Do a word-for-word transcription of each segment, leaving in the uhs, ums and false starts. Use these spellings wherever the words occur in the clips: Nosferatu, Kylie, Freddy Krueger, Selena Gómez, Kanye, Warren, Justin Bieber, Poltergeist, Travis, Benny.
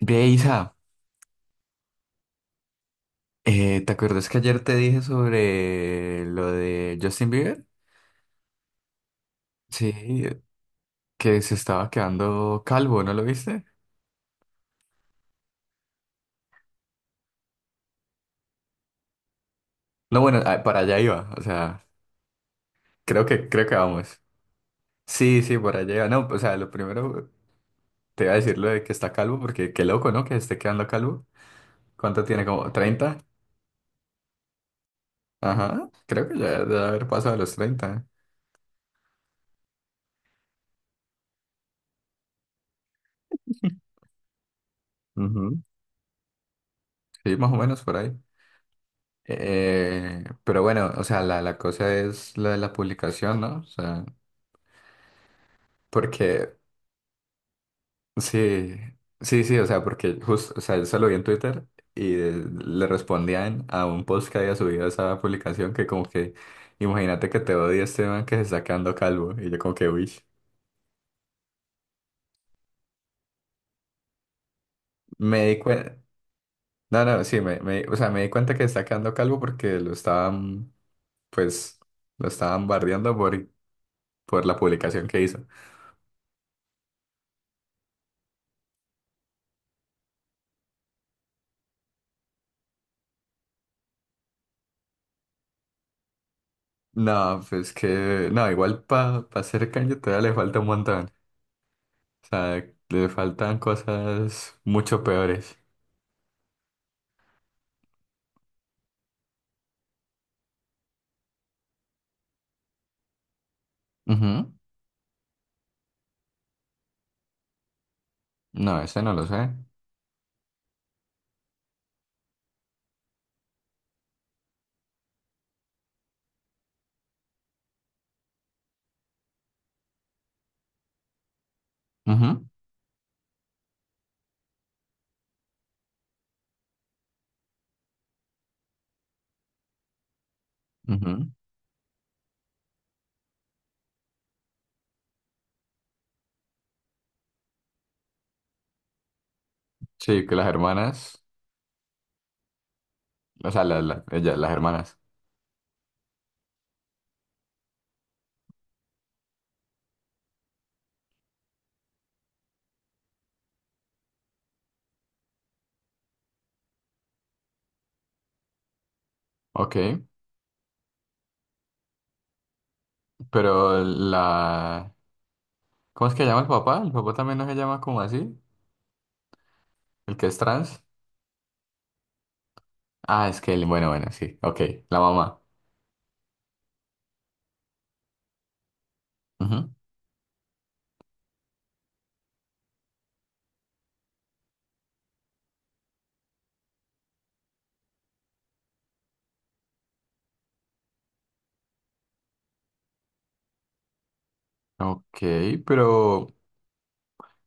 Ve, Isa, eh, ¿te acuerdas que ayer te dije sobre lo de Justin Bieber? Sí, que se estaba quedando calvo, ¿no lo viste? No, bueno, ah, para allá iba, o sea, creo que, creo que vamos. Sí, sí, por allá iba. No, o sea, lo primero te iba a decir lo de que está calvo, porque qué loco, ¿no? Que esté quedando calvo. ¿Cuánto tiene? ¿Como treinta? Ajá, creo que ya debe haber pasado a los treinta. Ujú. Sí, más o menos por ahí. Eh, pero bueno, o sea, la, la cosa es la de la publicación, ¿no? O sea, porque sí, sí, sí, o sea, porque justo, o sea, yo se lo vi en Twitter y eh, le respondían a un post que había subido esa publicación que como que, imagínate que te odia este man que se está quedando calvo y yo como que, uy, me di cuenta, no, no, sí, me, me- o sea, me di cuenta que se está quedando calvo porque lo estaban, pues, lo estaban bardeando por, por la publicación que hizo. No, pues que, no, igual para hacer Kanye todavía le falta un montón. O sea, le faltan cosas mucho peores. Ujú. No, ese no lo sé. Ujú, ujú. Sí, que las hermanas, o sea, la- la- ellas, las hermanas. Ok, pero… la... ¿Cómo es que llama el papá? ¿El papá también no se llama como así? ¿El que es trans? Ah, es que él, bueno, bueno, sí, ok, la mamá. Ujú. Ok, pero…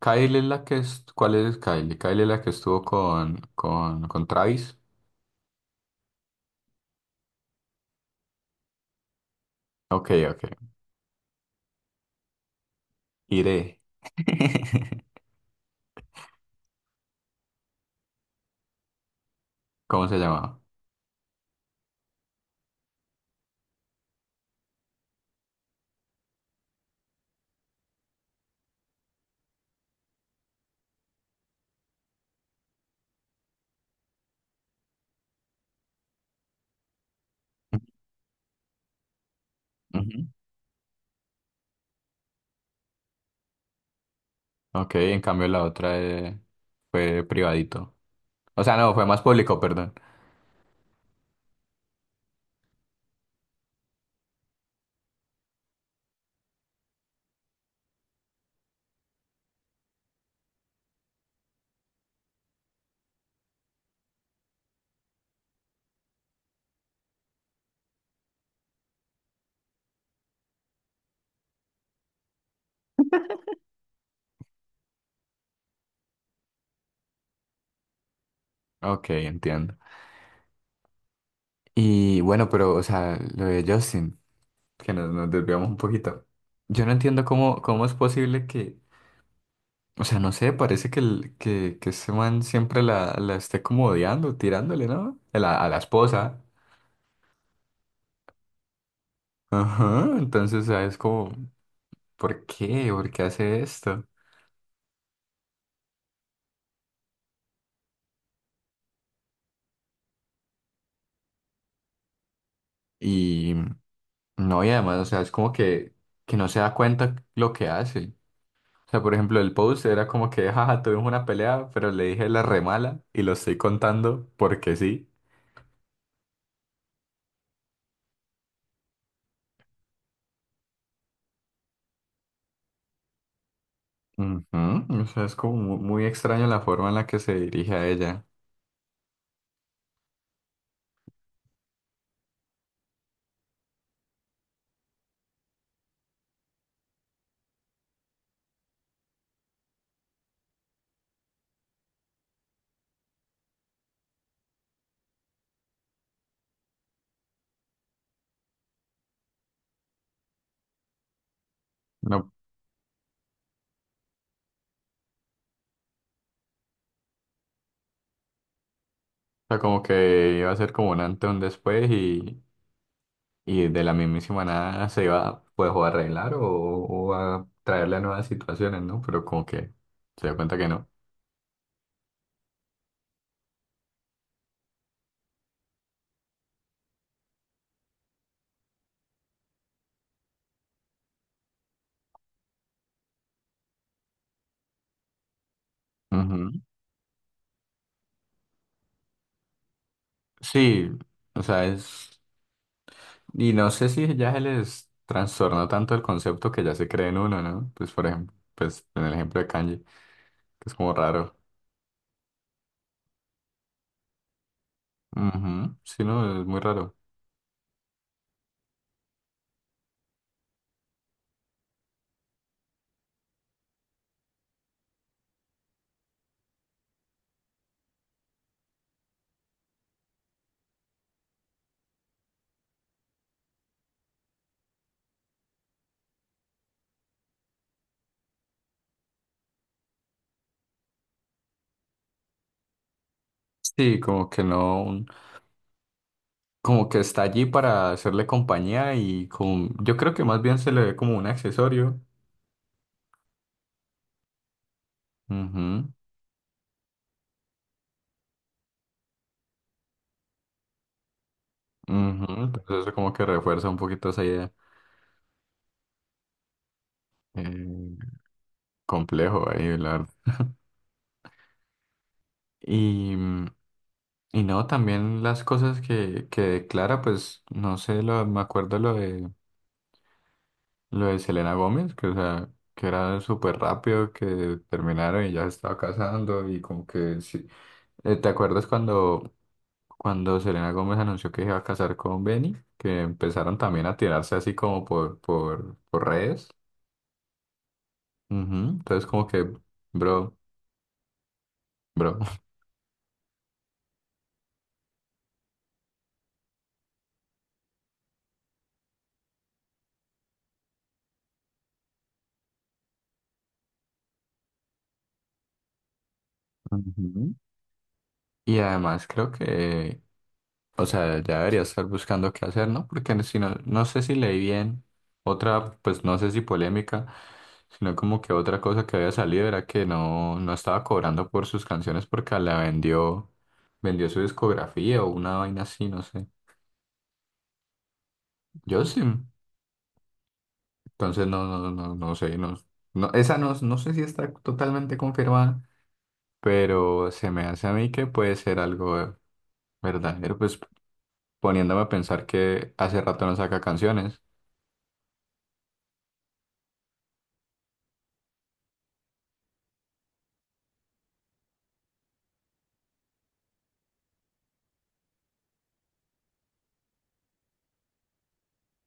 Kylie es la que es… ¿Cuál es Kylie? Kylie es la que estuvo con, con, con Travis. Ok, ok. Iré. ¿Cómo se llamaba? Ujú. Ok, en cambio la otra eh, fue privadito. O sea, no, fue más público, perdón. Ok, entiendo. Y bueno, pero, o sea, lo de Justin, que nos, nos desviamos un poquito. Yo no entiendo cómo, cómo es posible que, o sea, no sé, parece que, el, que, que ese man siempre la, la esté como odiando, tirándole, ¿no? A la, a la esposa. Ajá, entonces, o sea, es como, ¿por qué? ¿Por qué hace esto? Y no, y además, o sea, es como que, que no se da cuenta lo que hace. O sea, por ejemplo, el post era como que, jaja, tuvimos una pelea, pero le dije la remala y lo estoy contando porque sí. Ujú, o sea, es como mu- muy extraña la forma en la que se dirige a ella. No, o sea, como que iba a ser como un antes, un después y, Y de la mismísima nada se iba pues o a arreglar o, o a traerle a nuevas situaciones, ¿no? Pero como que se dio cuenta que no. Ujú. Sí, o sea, es… Y no sé si ya se les trastornó tanto el concepto que ya se cree en uno, ¿no? Pues por ejemplo, pues en el ejemplo de Kanye, que es como raro. Ujú. Sí, no, es muy raro. Sí, como que no, como que está allí para hacerle compañía y como, yo creo que más bien se le ve como un accesorio. Ujú. Ujú, entonces eso como que refuerza un poquito esa idea. eh, Complejo ahí, la verdad. Y, mm, y no, también las cosas que, que declara, pues no sé, lo, me acuerdo lo de, lo de Selena Gómez, que o sea, que era súper rápido, que terminaron y ya se estaba casando y como que sí. Eh, ¿te acuerdas cuando, cuando, Selena Gómez anunció que se iba a casar con Benny? Que empezaron también a tirarse así como por, por, por redes. Ujú, entonces como que, bro. Bro, ujú. Y además creo que, o sea, ya debería estar buscando qué hacer, ¿no? Porque si no, no sé si leí bien otra, pues no sé si polémica, sino como que otra cosa que había salido era que no, no estaba cobrando por sus canciones porque la vendió, vendió su discografía o una vaina así, no sé. Yo sí, entonces no, no, no, no sé, no, no, esa no, no sé si está totalmente confirmada, pero se me hace a mí que puede ser algo verdadero, pues poniéndome a pensar que hace rato no saca canciones.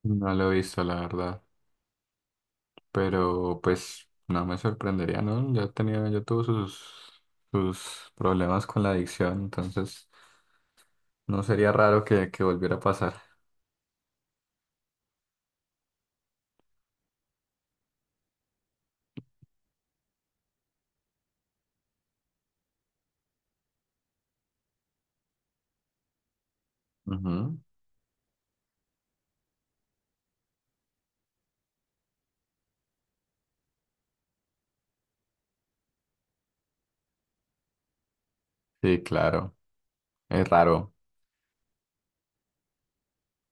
No lo he visto, la verdad. Pero pues no me sorprendería, ¿no? Ya tenía, ya tuvo sus, sus problemas con la adicción, entonces no sería raro que, que volviera a pasar. Ujú. Sí, claro, es raro.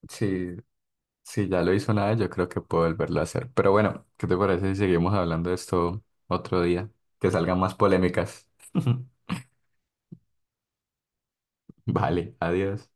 Sí, si ya lo hizo nada, yo creo que puedo volverlo a hacer. Pero bueno, ¿qué te parece si seguimos hablando de esto otro día? Que salgan más polémicas. Vale, adiós.